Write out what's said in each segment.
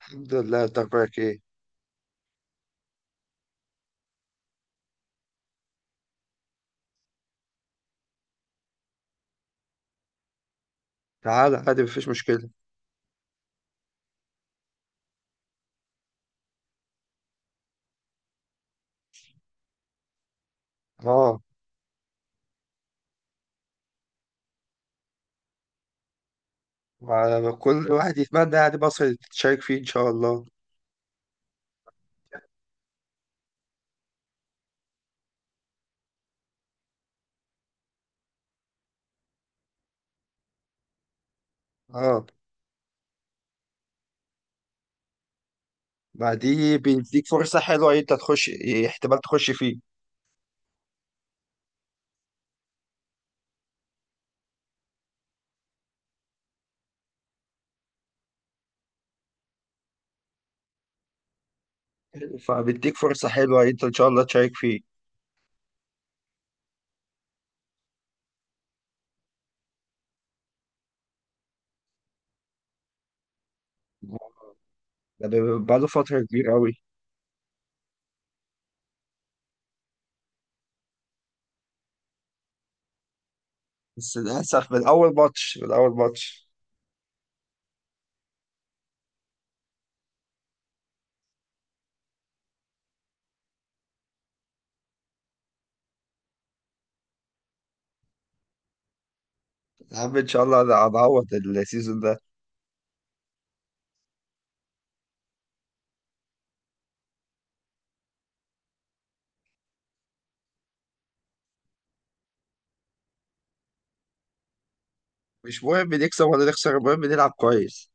الحمد لله. انت اخبارك ايه؟ تعال، عادي، مفيش مشكلة. اه. كل واحد يتمنى يعني مصر تشارك فيه ان شاء الله. اه، ما دي بيديك فرصة حلوة انت تخش. احتمال تخش فيه. فبيديك فرصة حلوة انت ان شاء الله تشارك فيه. ده بقاله فترة كبيرة أوي. بس للأسف، من أول ماتش. يا عم، إن شاء الله أنا هنعوض السيزون ده. مش مهم نكسب ولا نخسر، المهم نلعب كويس.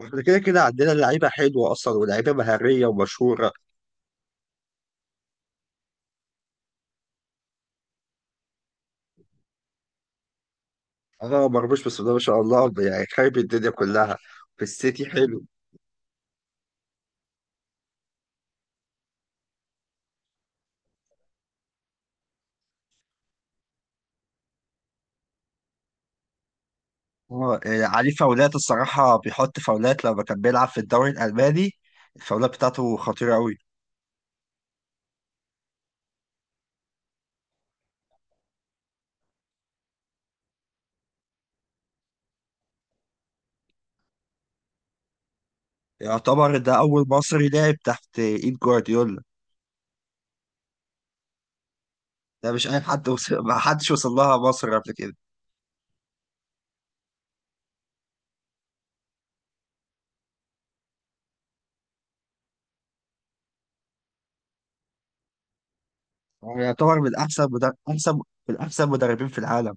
واحنا كده كده عندنا لعيبة حلوة أصلا، ولعيبة مهارية ومشهورة. اه، مرموش بس ده ما شاء الله، يعني خايب الدنيا كلها. في السيتي حلو. اه، عليه فاولات، الصراحة بيحط فاولات لما كان بيلعب في الدوري الألماني. الفاولات بتاعته خطيرة أوي. يعتبر ده أول مصري لعب تحت إيد جوارديولا. ده مش أي حد وصل. ما حدش وصل لها مصر قبل كده. هو يعتبر من أحسن مدربين في العالم.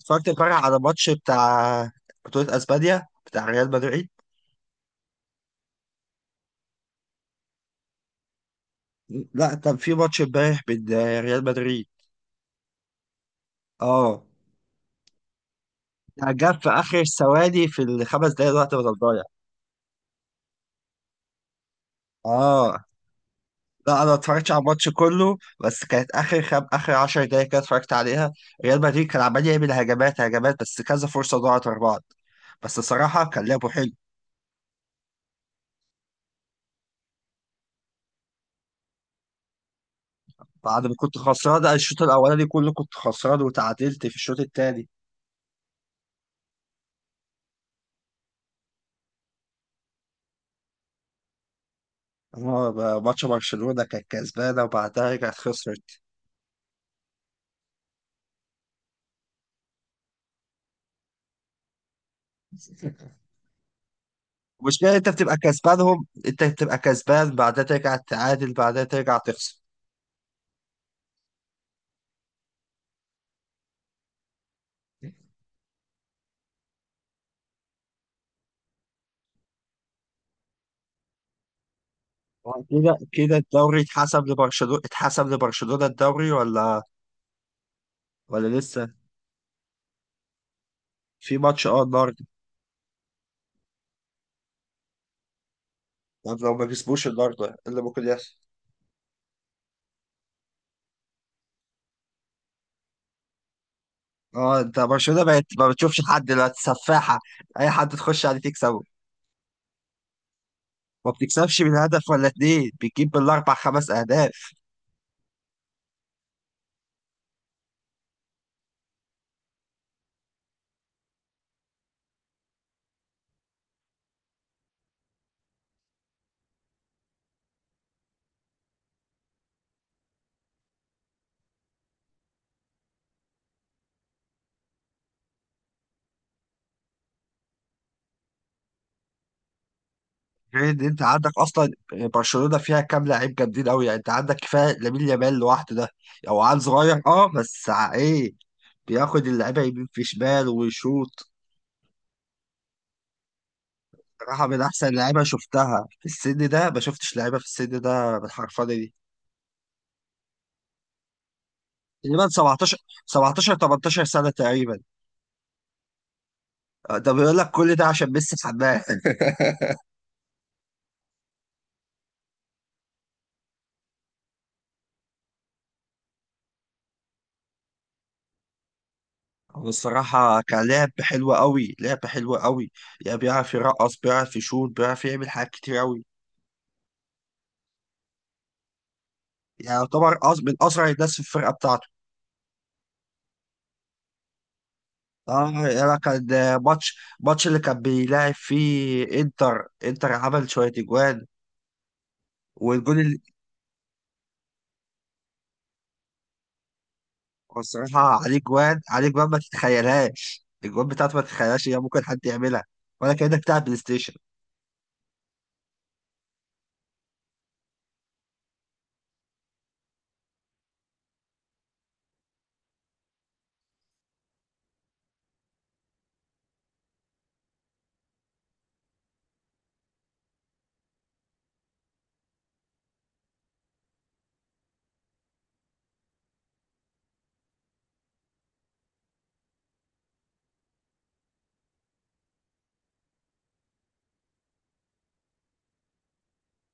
اتفرجت امبارح على ماتش بتاع بطولة أسبانيا بتاع ريال مدريد. لا، كان في ماتش امبارح بين ريال مدريد. اه، ده جاب في اخر ثواني، في الخمس دقايق الوقت بدل ضايع. اه، لا انا ما اتفرجتش على الماتش كله، بس كانت اخر 10 دقايق كده اتفرجت عليها. ريال مدريد كان عمال يعمل هجمات هجمات، بس كذا فرصه ضاعت ورا بعض. بس صراحه كان لعبه حلو. بعد ما كنت خسران الشوط الاولاني كله كنت خسران، وتعادلت في الشوط الثاني. ماتش برشلونه كانت كسبانه، وبعدها رجعت خسرت. المشكله إن انت بتبقى كسبانهم انت بتبقى كسبان، بعدها ترجع تعادل، بعدها ترجع تخسر. هو كده كده، الدوري اتحسب لبرشلونة اتحسب لبرشلونة الدوري، ولا لسه؟ في ماتش النهارده. طب لو ما كسبوش النهارده، إيه اللي ممكن يحصل؟ اه، انت برشلونة بقت ما بتشوفش حد دلوقتي، سفاحة. اي حد تخش عليه تكسبه. ما بتكسبش من هدف ولا اتنين، بتجيب بالاربع خمس اهداف. غير ان انت عندك اصلا برشلونة فيها كام لعيب جامدين قوي، يعني انت عندك كفاية لامين يامال لوحده ده. او عيل صغير، اه بس ايه. بياخد اللعيبه يمين في شمال ويشوط. صراحة، من أحسن لعيبة شفتها في السن ده، ما شفتش لعيبة في السن ده بالحرفنة دي. تقريبا 17، 17 18 سنة تقريبا. آه، ده بيقول لك كل ده عشان ميسي حماه. هو الصراحة كان لعب حلو قوي، لعب حلو قوي. يعني بيعرف يرقص، بيعرف يشوط، بيعرف يعمل حاجات كتير قوي. يعني يعتبر من أسرع الناس في الفرقة بتاعته. اه، يعني كان ماتش اللي كان بيلاعب فيه انتر، عمل شوية اجوان. والجون. هو الصراحة عليه جوان عليه جوان، ما تتخيلهاش الجوان بتاعته، ما تتخيلهاش إن هي ممكن حد يعملها. ولا كأنك بتلعب بلاي ستيشن.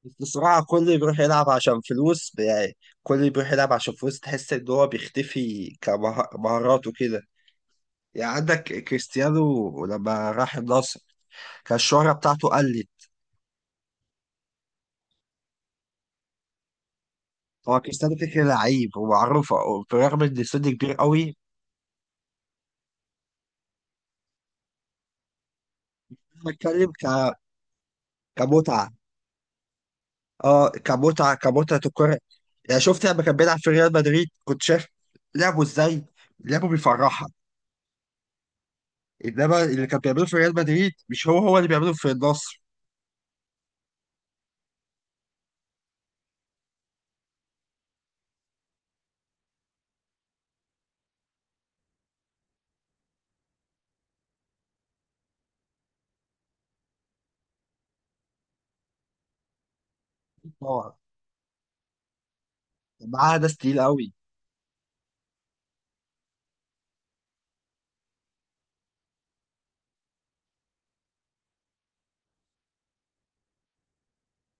بس الصراحة كله بيروح يلعب عشان فلوس، يعني كله بيروح يلعب عشان فلوس، تحس إن هو بيختفي كمهارات وكده. يعني عندك كريستيانو لما راح النصر، كان الشهرة بتاعته قلت. هو كريستيانو كده كده لعيب ومعروفة، برغم إن سن كبير قوي. بتكلم كمتعة. اه، كمتعة، كمتعة الكرة. يعني شفت لما كان بيلعب في ريال مدريد، كنت شايف لعبه ازاي، لعبه بيفرحها. انما اللي كان بيعمله في ريال مدريد مش هو هو اللي بيعمله في النصر. طبعا، معاه ناس تقيل قوي.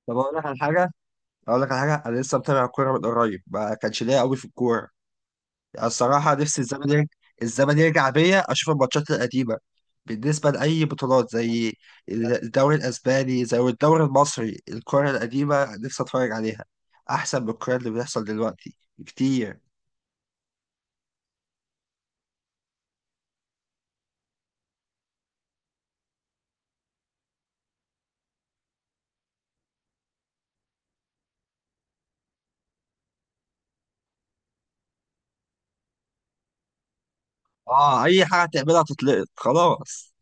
طب اقول لك على حاجه، انا لسه متابع الكوره من قريب، ما كانش ليا قوي في الكوره. يعني الصراحه نفسي الزمن يرجع. الزمن يرجع بيا اشوف الماتشات القديمه، بالنسبه لاي بطولات زي الدوري الاسباني، زي الدوري المصري، الكوره القديمه نفسي اتفرج عليها، احسن من الكوره اللي بتحصل دلوقتي كتير. اه، اي حاجه تعملها تتلقط، خلاص.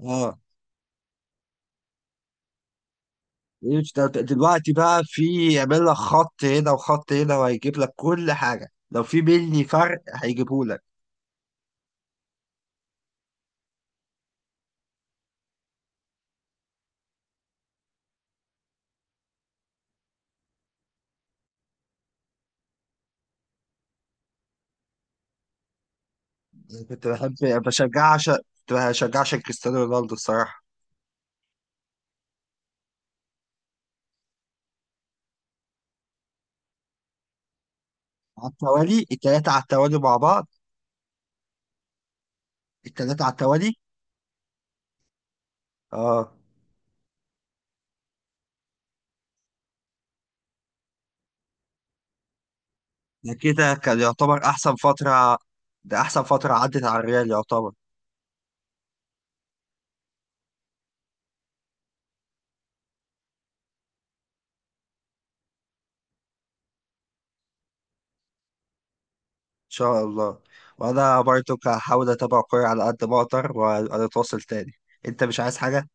اه، مش دلوقتي بقى في يعمل لك خط هنا وخط هنا، وهيجيب لك كل حاجه، لو في بيني فرق هيجيبه لك. كنت بحب بشجع عشان كنت بشجع عشان كريستيانو رونالدو الصراحه. على التوالي، التلاته على التوالي مع بعض. التلاته على التوالي. اه، ده كده كان يعتبر احسن فتره، ده احسن فتره عدت على الريال، يعتبر ان شاء الله. وانا برضو هحاول اتابع كوره على قد ما اقدر، واتواصل تاني. انت مش عايز حاجه؟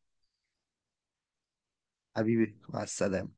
حبيبي، مع السلامة.